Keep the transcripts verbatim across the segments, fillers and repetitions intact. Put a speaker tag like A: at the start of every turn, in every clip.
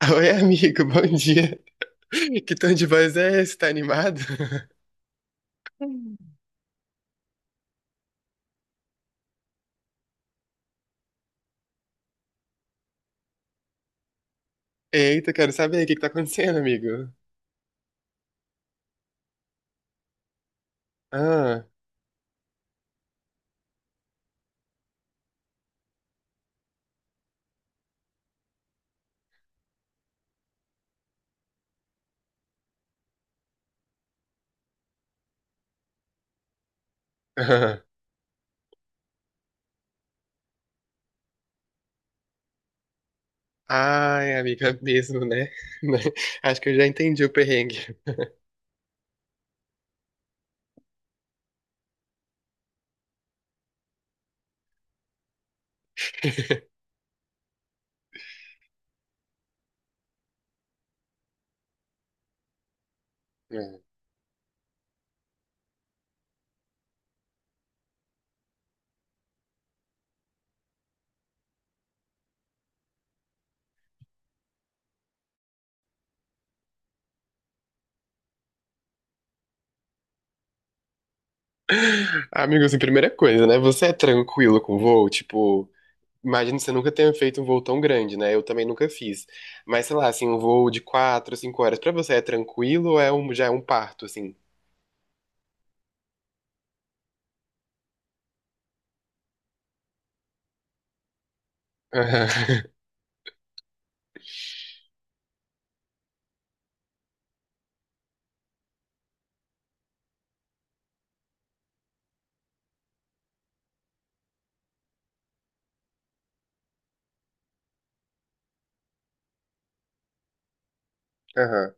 A: Oi, amigo, bom dia. Que tom de voz é esse? Tá animado? Eita, quero saber o que que tá acontecendo, amigo. Ah, ah. Ai, amiga, mesmo, né? Acho que eu já entendi o perrengue. É. Amigo, assim, primeira coisa, né? Você é tranquilo com voo? Tipo, imagino que você nunca tenha feito um voo tão grande, né? Eu também nunca fiz. Mas, sei lá, assim, um voo de quatro, cinco horas, pra você é tranquilo ou é um, já é um parto, assim? Aham, aham,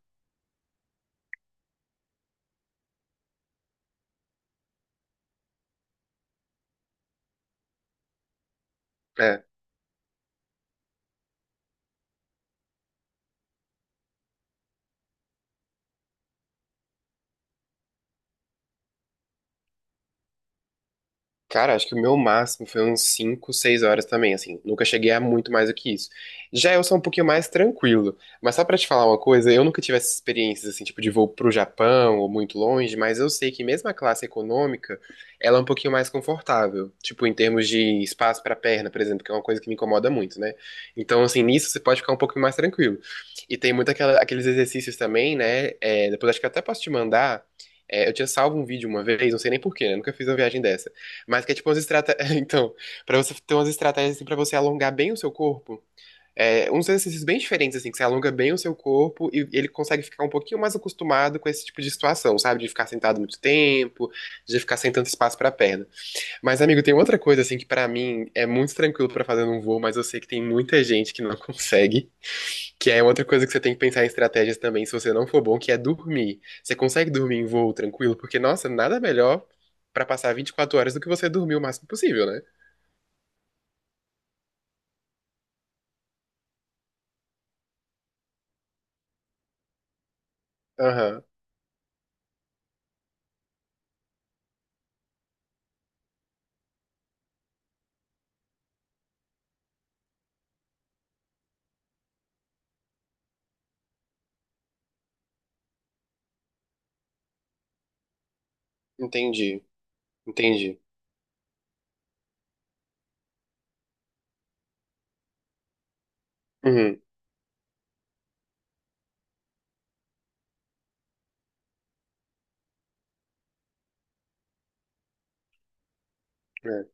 A: é. Cara, acho que o meu máximo foi uns cinco, seis horas também, assim. Nunca cheguei a muito mais do que isso. Já eu sou um pouquinho mais tranquilo. Mas só pra te falar uma coisa, eu nunca tive essas experiências, assim, tipo de voo pro Japão ou muito longe, mas eu sei que mesmo a classe econômica, ela é um pouquinho mais confortável. Tipo, em termos de espaço pra perna, por exemplo, que é uma coisa que me incomoda muito, né? Então, assim, nisso você pode ficar um pouco mais tranquilo. E tem muito aquela- aqueles exercícios também, né? É, depois acho que eu até posso te mandar. É, eu tinha salvo um vídeo uma vez, não sei nem porquê, né? Nunca fiz uma viagem dessa. Mas que é tipo umas estratégias. Então, pra você ter umas estratégias assim, pra você alongar bem o seu corpo. É, uns exercícios bem diferentes, assim, que você alonga bem o seu corpo e ele consegue ficar um pouquinho mais acostumado com esse tipo de situação, sabe? De ficar sentado muito tempo, de ficar sem tanto espaço pra perna. Mas, amigo, tem outra coisa, assim, que pra mim é muito tranquilo pra fazer num voo, mas eu sei que tem muita gente que não consegue, que é outra coisa que você tem que pensar em estratégias também, se você não for bom, que é dormir. Você consegue dormir em voo tranquilo? Porque, nossa, nada melhor pra passar vinte e quatro horas do que você dormir o máximo possível, né? Aham, entendi, entendi. Uhum, é.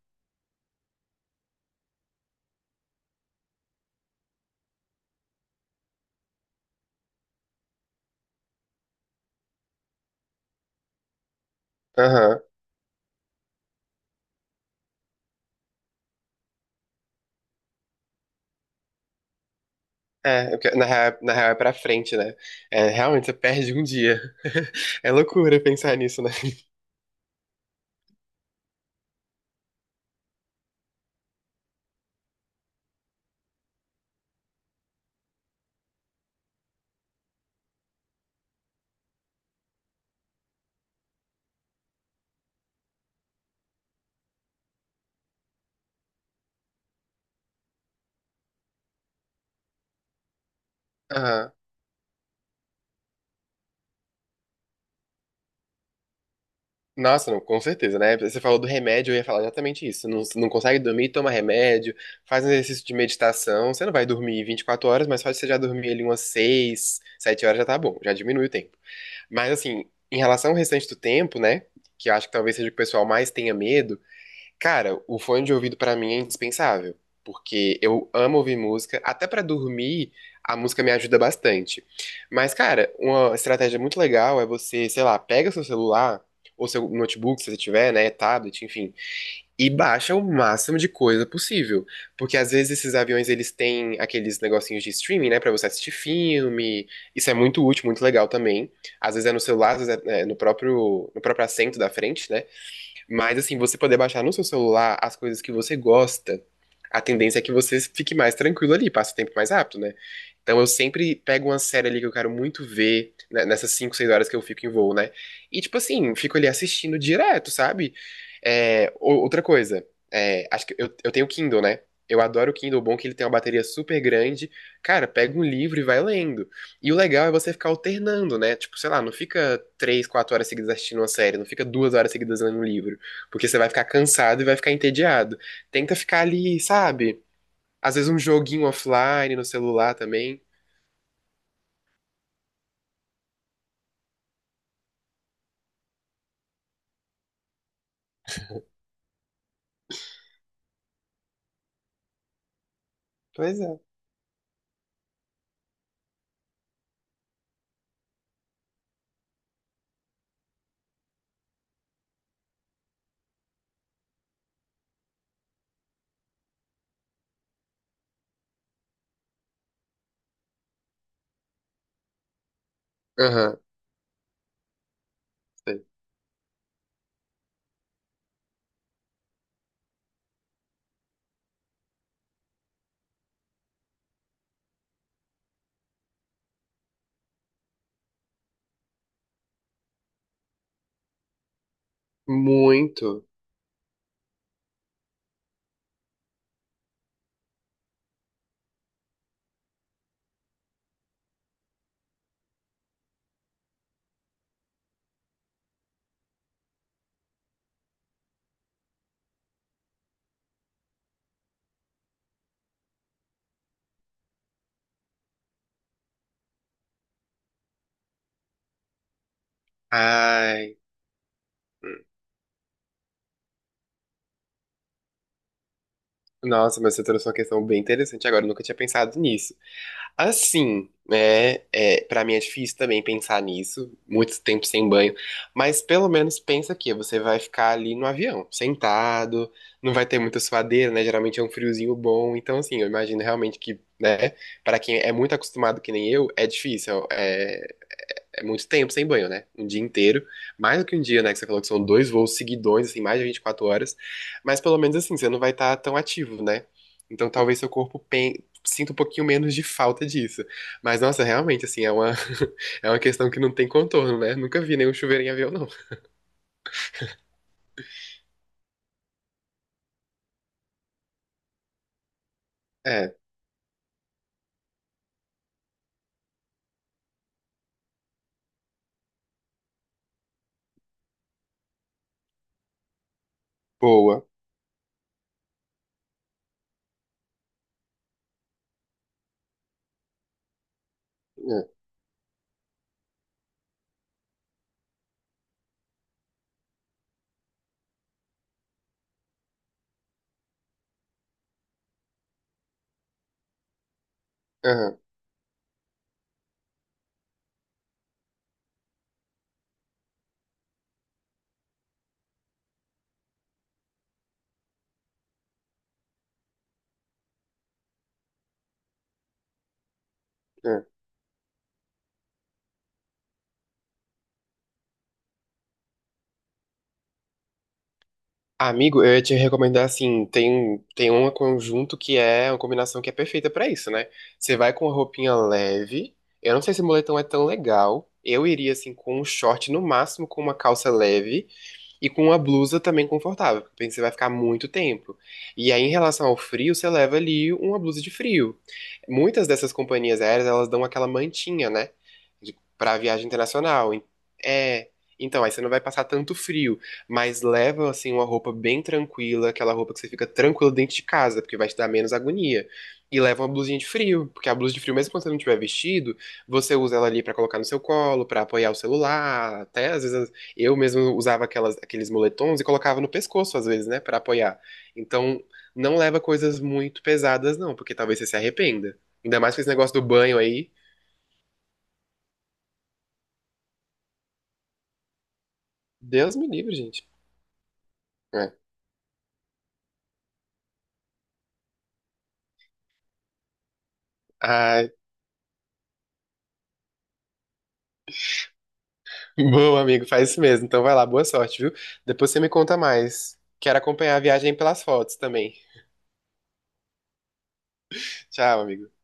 A: Aham. É, porque na real, na real é pra frente, né? É, realmente, você perde um dia. É loucura pensar nisso, né? Aham. Nossa, não, com certeza, né? Você falou do remédio, eu ia falar exatamente isso. Não, não consegue dormir, toma remédio, faz um exercício de meditação. Você não vai dormir vinte e quatro horas, mas só de você já dormir ali umas seis, sete horas já tá bom, já diminui o tempo. Mas assim, em relação ao restante do tempo, né? Que eu acho que talvez seja o que o pessoal mais tenha medo. Cara, o fone de ouvido pra mim é indispensável, porque eu amo ouvir música, até pra dormir, a música me ajuda bastante. Mas, cara, uma estratégia muito legal é você, sei lá, pega seu celular ou seu notebook, se você tiver, né, tablet, enfim, e baixa o máximo de coisa possível, porque às vezes esses aviões eles têm aqueles negocinhos de streaming, né, pra você assistir filme. Isso é muito útil, muito legal também. Às vezes é no celular, às vezes é é, no próprio no próprio assento da frente, né? Mas assim, você poder baixar no seu celular as coisas que você gosta, a tendência é que você fique mais tranquilo ali, passe o tempo mais rápido, né? Então eu sempre pego uma série ali que eu quero muito ver, né, nessas cinco seis horas que eu fico em voo, né? E tipo assim, fico ali assistindo direto, sabe? É, ou- outra coisa, é, acho que eu, eu tenho Kindle, né? Eu adoro o Kindle, bom é que ele tem uma bateria super grande. Cara, pega um livro e vai lendo. E o legal é você ficar alternando, né? Tipo, sei lá, não fica três, quatro horas seguidas assistindo uma série, não fica duas horas seguidas lendo um livro. Porque você vai ficar cansado e vai ficar entediado. Tenta ficar ali, sabe? Às vezes um joguinho offline no celular também. Pois é. Aham, sei. Muito. Ai. Hum. Nossa, mas você trouxe uma questão bem interessante agora. Eu nunca tinha pensado nisso. Assim, né? É, para mim é difícil também pensar nisso, muito tempo sem banho, mas pelo menos pensa que você vai ficar ali no avião, sentado, não vai ter muita suadeira, né? Geralmente é um friozinho bom, então assim, eu imagino realmente que, né? Para quem é muito acostumado que nem eu, é difícil, é, é muito tempo sem banho, né? Um dia inteiro. Mais do que um dia, né? Que você falou que são dois voos seguidões, assim, mais de vinte e quatro horas. Mas pelo menos assim, você não vai estar tão ativo, né? Então talvez seu corpo pen- sinta um pouquinho menos de falta disso. Mas, nossa, realmente, assim, é uma, é uma questão que não tem contorno, né? Nunca vi nenhum chuveiro em avião, não. É, boa. É, aham, é. Amigo, eu ia te recomendar assim, tem, tem um conjunto que é uma combinação que é perfeita pra isso, né? Você vai com uma roupinha leve. Eu não sei se moletom é tão legal. Eu iria assim com um short no máximo com uma calça leve e com uma blusa também confortável, porque você vai ficar muito tempo. E aí em relação ao frio, você leva ali uma blusa de frio. Muitas dessas companhias aéreas, elas dão aquela mantinha, né? de- Pra viagem internacional. É, então aí você não vai passar tanto frio mas leva assim uma roupa bem tranquila, aquela roupa que você fica tranquilo dentro de casa, porque vai te dar menos agonia. E leva uma blusinha de frio, porque a blusa de frio, mesmo quando você não tiver vestido, você usa ela ali pra colocar no seu colo, pra apoiar o celular, até às vezes eu mesmo usava aquelas, aqueles moletons e colocava no pescoço às vezes, né, pra apoiar. Então, não leva coisas muito pesadas não, porque talvez você se arrependa. Ainda mais com esse negócio do banho aí. Deus me livre, gente. É. Ah, bom, amigo, faz isso mesmo. Então vai lá, boa sorte, viu? Depois você me conta mais. Quero acompanhar a viagem pelas fotos também. Tchau, amigo.